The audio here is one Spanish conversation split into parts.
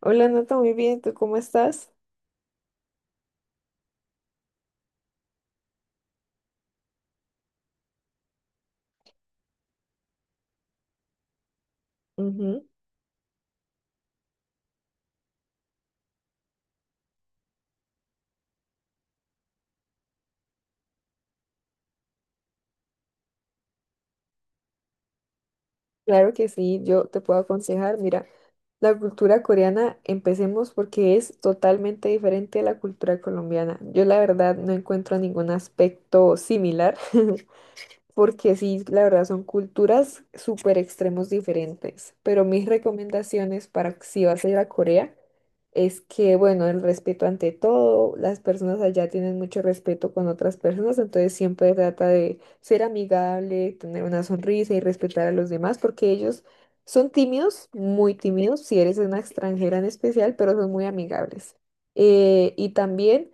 Hola, Nata, muy bien, ¿tú cómo estás? Ujú. Claro que sí, yo te puedo aconsejar. Mira, la cultura coreana, empecemos porque es totalmente diferente a la cultura colombiana. Yo la verdad no encuentro ningún aspecto similar. Porque sí, la verdad son culturas súper extremos diferentes. Pero mis recomendaciones para si vas a ir a Corea es que, bueno, el respeto ante todo, las personas allá tienen mucho respeto con otras personas, entonces siempre trata de ser amigable, tener una sonrisa y respetar a los demás, porque ellos son tímidos, muy tímidos, si eres una extranjera en especial, pero son muy amigables. Y también...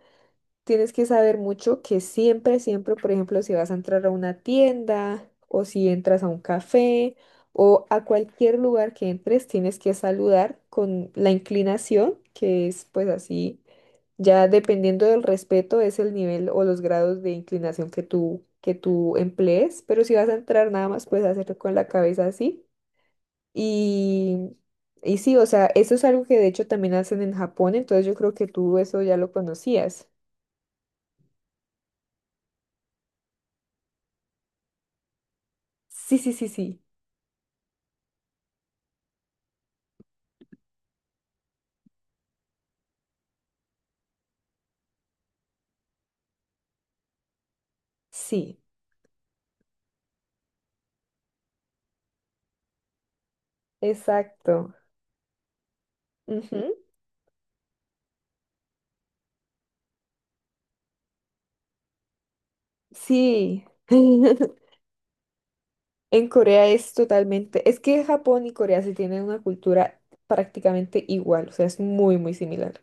Tienes que saber mucho que siempre, siempre, por ejemplo, si vas a entrar a una tienda o si entras a un café o a cualquier lugar que entres, tienes que saludar con la inclinación, que es pues así, ya dependiendo del respeto es el nivel o los grados de inclinación que tú emplees, pero si vas a entrar nada más puedes hacerlo con la cabeza así y... Y sí, o sea, eso es algo que de hecho también hacen en Japón, entonces yo creo que tú eso ya lo conocías. Sí, sí, sí, sí. Sí, exacto. Ujú. Sí. En Corea es totalmente, es que Japón y Corea se tienen una cultura prácticamente igual, o sea, es muy, muy similar.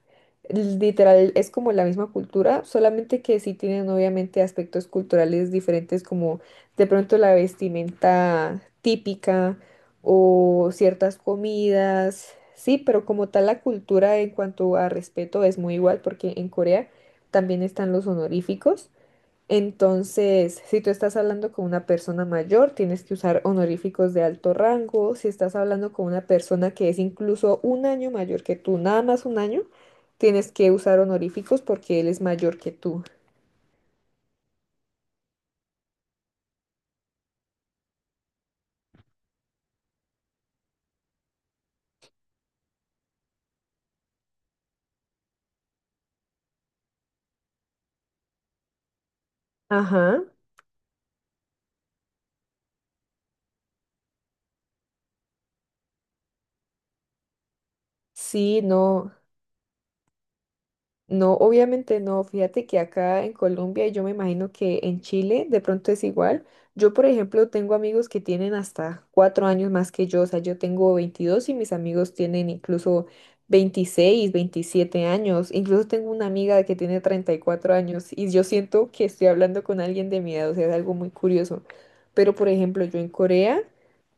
Literal, es como la misma cultura, solamente que sí tienen obviamente aspectos culturales diferentes, como de pronto la vestimenta típica o ciertas comidas, sí, pero como tal la cultura en cuanto a respeto es muy igual, porque en Corea también están los honoríficos. Entonces, si tú estás hablando con una persona mayor, tienes que usar honoríficos de alto rango. Si estás hablando con una persona que es incluso un año mayor que tú, nada más un año, tienes que usar honoríficos porque él es mayor que tú. Ajá. Sí, no. No, obviamente no. Fíjate que acá en Colombia y yo me imagino que en Chile de pronto es igual. Yo, por ejemplo, tengo amigos que tienen hasta 4 años más que yo. O sea, yo tengo 22 y mis amigos tienen incluso 26, 27 años. Incluso tengo una amiga que tiene 34 años y yo siento que estoy hablando con alguien de mi edad. O sea, es algo muy curioso. Pero, por ejemplo, yo en Corea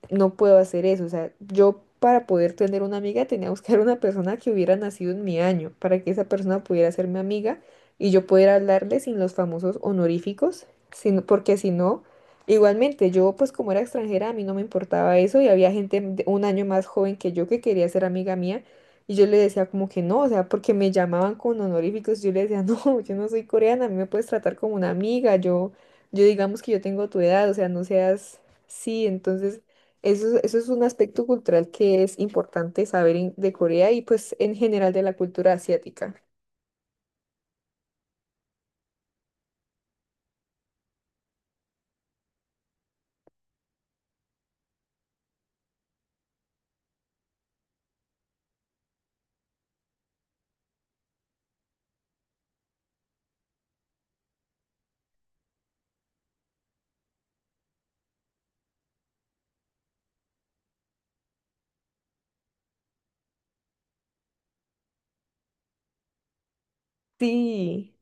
no puedo hacer eso. O sea, yo para poder tener una amiga tenía que buscar una persona que hubiera nacido en mi año, para que esa persona pudiera ser mi amiga y yo pudiera hablarle sin los famosos honoríficos, sino, porque si no, igualmente yo pues como era extranjera a mí no me importaba eso y había gente de un año más joven que yo que quería ser amiga mía. Y yo le decía como que no, o sea, porque me llamaban con honoríficos, yo le decía, no, yo no soy coreana, a mí me puedes tratar como una amiga, yo digamos que yo tengo tu edad, o sea, no seas, sí, entonces eso es un aspecto cultural que es importante saber de Corea y pues en general de la cultura asiática. Sí,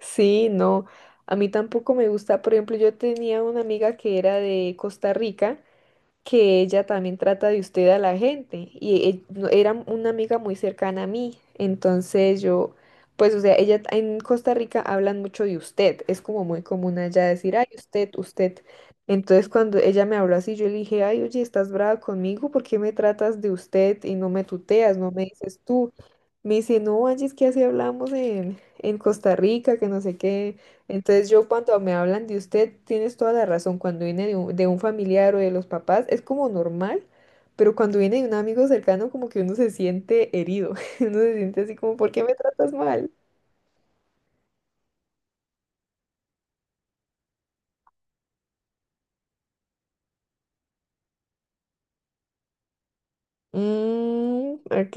sí, no. A mí tampoco me gusta. Por ejemplo, yo tenía una amiga que era de Costa Rica. Que ella también trata de usted a la gente y era una amiga muy cercana a mí. Entonces yo, pues o sea, ella en Costa Rica hablan mucho de usted, es como muy común allá decir, ay, usted, usted. Entonces cuando ella me habló así, yo le dije, ay, oye, estás brava conmigo, ¿por qué me tratas de usted y no me tuteas, no me dices tú? Me dice, no, Angie, es que así hablamos en Costa Rica, que no sé qué. Entonces yo cuando me hablan de usted, tienes toda la razón, cuando viene de un familiar o de los papás es como normal, pero cuando viene de un amigo cercano como que uno se siente herido, uno se siente así como, ¿por qué me tratas mal? Mm, ok.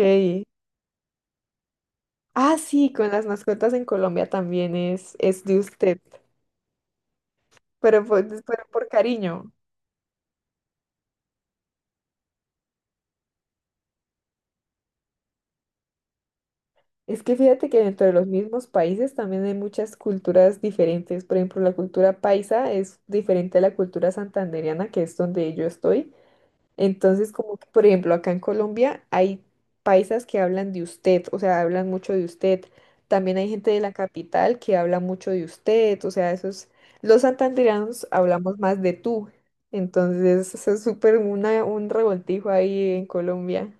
Ah, sí, con las mascotas en Colombia también es de usted, pero pero por cariño. Es que fíjate que dentro de los mismos países también hay muchas culturas diferentes. Por ejemplo, la cultura paisa es diferente a la cultura santandereana, que es donde yo estoy. Entonces, como que, por ejemplo, acá en Colombia hay paisas que hablan de usted, o sea, hablan mucho de usted. También hay gente de la capital que habla mucho de usted, o sea, esos, los santandereanos hablamos más de tú. Entonces, eso es súper una, un revoltijo ahí en Colombia.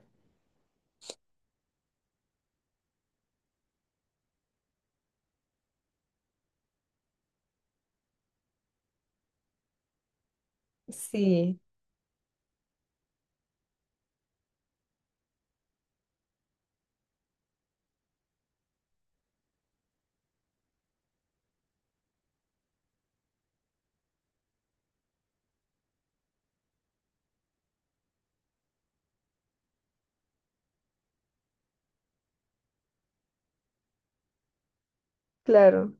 Sí, claro.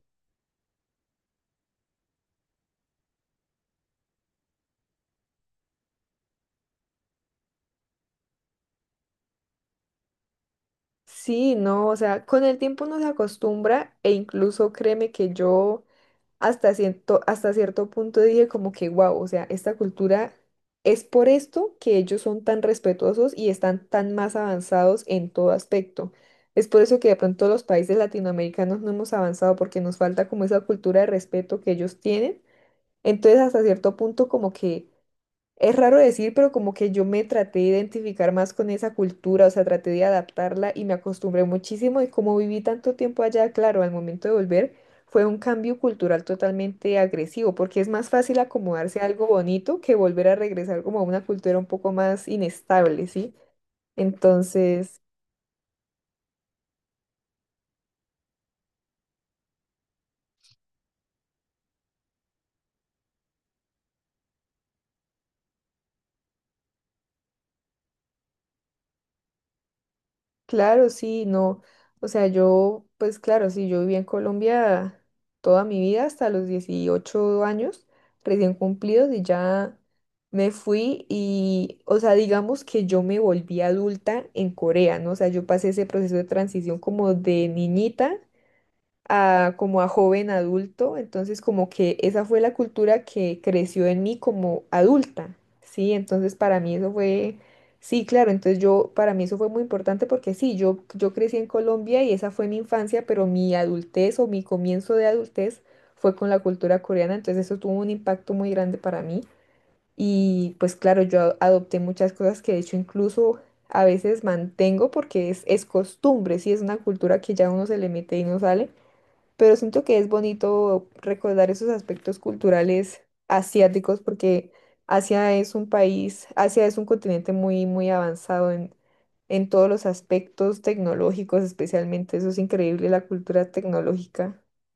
Sí, no, o sea, con el tiempo uno se acostumbra e incluso créeme que yo hasta cierto punto dije como que, wow, o sea, esta cultura es por esto que ellos son tan respetuosos y están tan más avanzados en todo aspecto. Es por eso que de pronto los países latinoamericanos no hemos avanzado porque nos falta como esa cultura de respeto que ellos tienen. Entonces, hasta cierto punto como que es raro decir, pero como que yo me traté de identificar más con esa cultura, o sea, traté de adaptarla y me acostumbré muchísimo y como viví tanto tiempo allá, claro, al momento de volver fue un cambio cultural totalmente agresivo, porque es más fácil acomodarse a algo bonito que volver a regresar como a una cultura un poco más inestable, ¿sí? Entonces, claro, sí, no. O sea, yo, pues claro, sí, yo viví en Colombia toda mi vida hasta los 18 años, recién cumplidos, y ya me fui y, o sea, digamos que yo me volví adulta en Corea, ¿no? O sea, yo pasé ese proceso de transición como de niñita a, como a joven adulto, entonces como que esa fue la cultura que creció en mí como adulta, ¿sí? Entonces para mí eso fue, sí, claro, entonces yo, para mí eso fue muy importante porque sí, yo crecí en Colombia y esa fue mi infancia, pero mi adultez o mi comienzo de adultez fue con la cultura coreana, entonces eso tuvo un impacto muy grande para mí y pues claro, yo adopté muchas cosas que de hecho incluso... A veces mantengo porque es costumbre, sí, es una cultura que ya uno se le mete y no sale pero siento que es bonito recordar esos aspectos culturales asiáticos porque Asia es un país, Asia es un continente muy, muy avanzado en todos los aspectos tecnológicos, especialmente. Eso es increíble, la cultura tecnológica.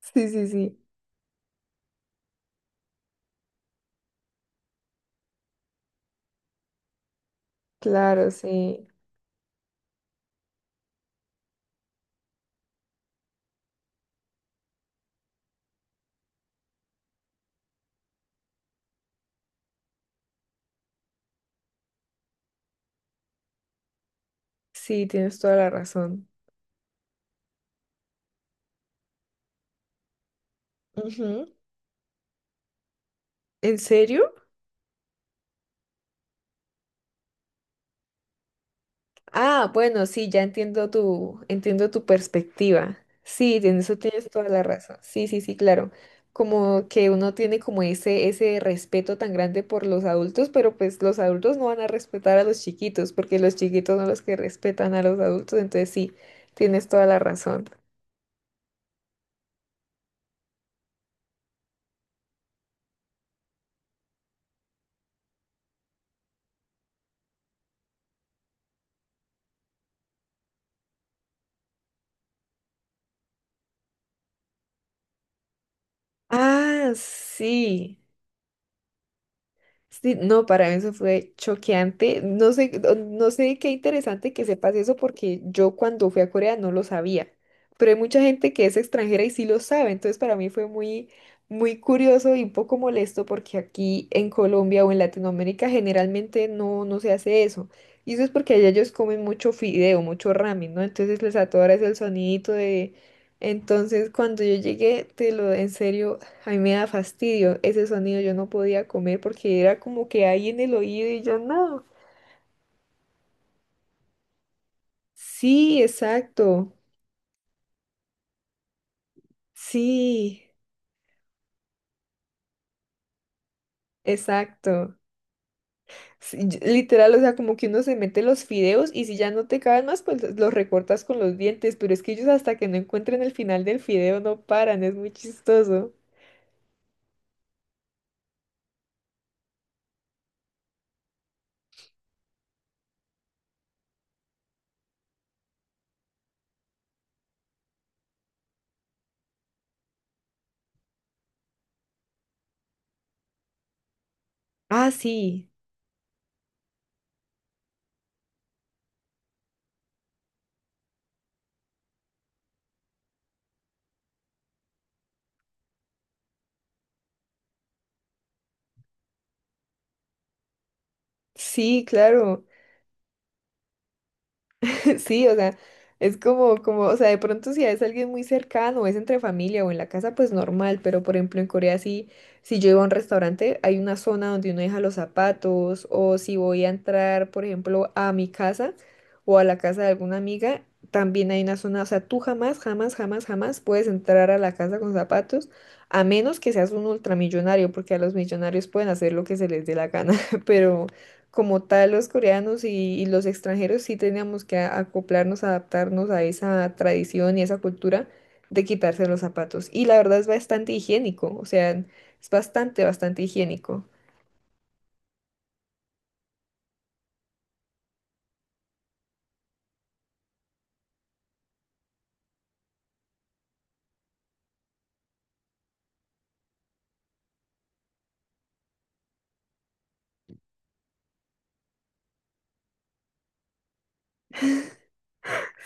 Sí, sí, sí, claro, sí, sí, tienes toda la razón. Ujú. ¿En serio? Ah, bueno, sí, ya entiendo tu perspectiva. Sí, en eso tienes toda la razón. Sí, sí, sí, claro. Como que uno tiene como ese respeto tan grande por los adultos, pero pues los adultos no van a respetar a los chiquitos, porque los chiquitos son los que respetan a los adultos, entonces sí, tienes toda la razón. Ah, sí. Sí, no, para mí eso fue choqueante. No sé, no sé qué interesante que sepas eso porque yo cuando fui a Corea no lo sabía, pero hay mucha gente que es extranjera y sí lo sabe, entonces para mí fue muy, muy curioso y un poco molesto porque aquí en Colombia o en Latinoamérica generalmente no, no se hace eso. Y eso es porque allá ellos comen mucho fideo, mucho ramen, ¿no? Entonces les atoras el sonidito de... Entonces cuando yo llegué, te lo en serio. A mí me da fastidio ese sonido, yo no podía comer porque era como que ahí en el oído y yo no. Sí, exacto. Sí, exacto. Sí, yo- literal, o sea, como que uno se mete los fideos y si ya no te caben más, pues los recortas con los dientes, pero es que ellos hasta que no encuentren el final del fideo no paran, es muy chistoso. Ah, sí, sí, claro. Sí, o sea, es como, como, o sea, de pronto si es alguien muy cercano, es entre familia o en la casa, pues normal, pero por ejemplo en Corea sí, si yo iba a un restaurante, hay una zona donde uno deja los zapatos, o si voy a entrar, por ejemplo, a mi casa o a la casa de alguna amiga, también hay una zona, o sea, tú jamás, jamás, jamás, jamás puedes entrar a la casa con zapatos, a menos que seas un ultramillonario, porque a los millonarios pueden hacer lo que se les dé la gana, pero como tal los coreanos y los extranjeros sí teníamos que acoplarnos, adaptarnos a esa tradición y esa cultura de quitarse los zapatos. Y la verdad es bastante higiénico, o sea, es bastante, bastante higiénico.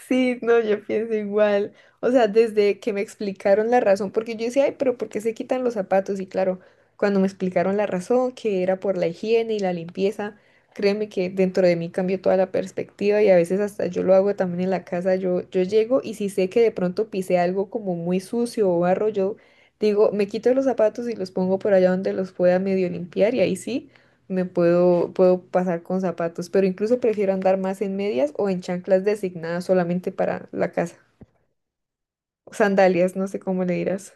Sí, no, yo pienso igual. O sea, desde que me explicaron la razón, porque yo decía, ay, pero ¿por qué se quitan los zapatos? Y claro, cuando me explicaron la razón, que era por la higiene y la limpieza, créeme que dentro de mí cambió toda la perspectiva y a veces hasta yo lo hago también en la casa. Yo llego y si sé que de pronto pisé algo como muy sucio o barro, yo digo, me quito los zapatos y los pongo por allá donde los pueda medio limpiar y ahí sí. Me puedo pasar con zapatos, pero incluso prefiero andar más en medias o en chanclas designadas solamente para la casa. Sandalias, no sé cómo le dirás.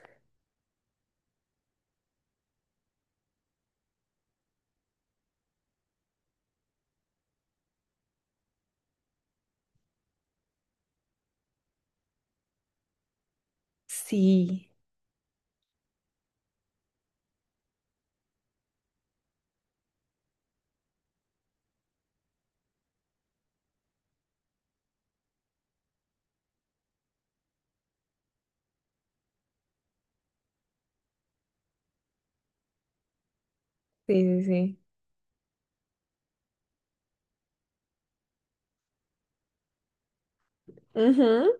Sí, sí, sí, sí. Ujú.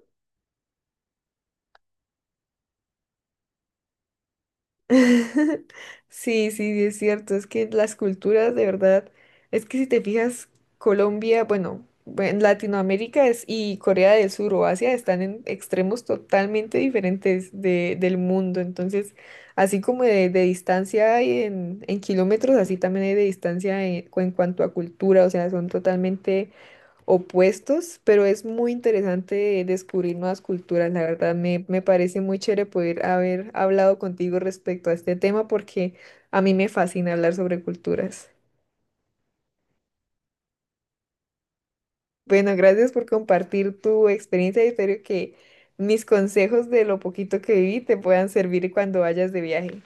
Sí, sí, es cierto, es que las culturas de verdad, es que si te fijas, Colombia, bueno, en Latinoamérica y Corea del Sur o Asia están en extremos totalmente diferentes del mundo, entonces, así como de distancia hay en kilómetros, así también hay de distancia en cuanto a cultura, o sea, son totalmente opuestos, pero es muy interesante descubrir nuevas culturas. La verdad, me parece muy chévere poder haber hablado contigo respecto a este tema porque a mí me fascina hablar sobre culturas. Bueno, gracias por compartir tu experiencia y espero que mis consejos de lo poquito que viví te puedan servir cuando vayas de viaje.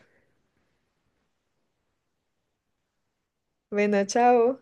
Bueno, chao.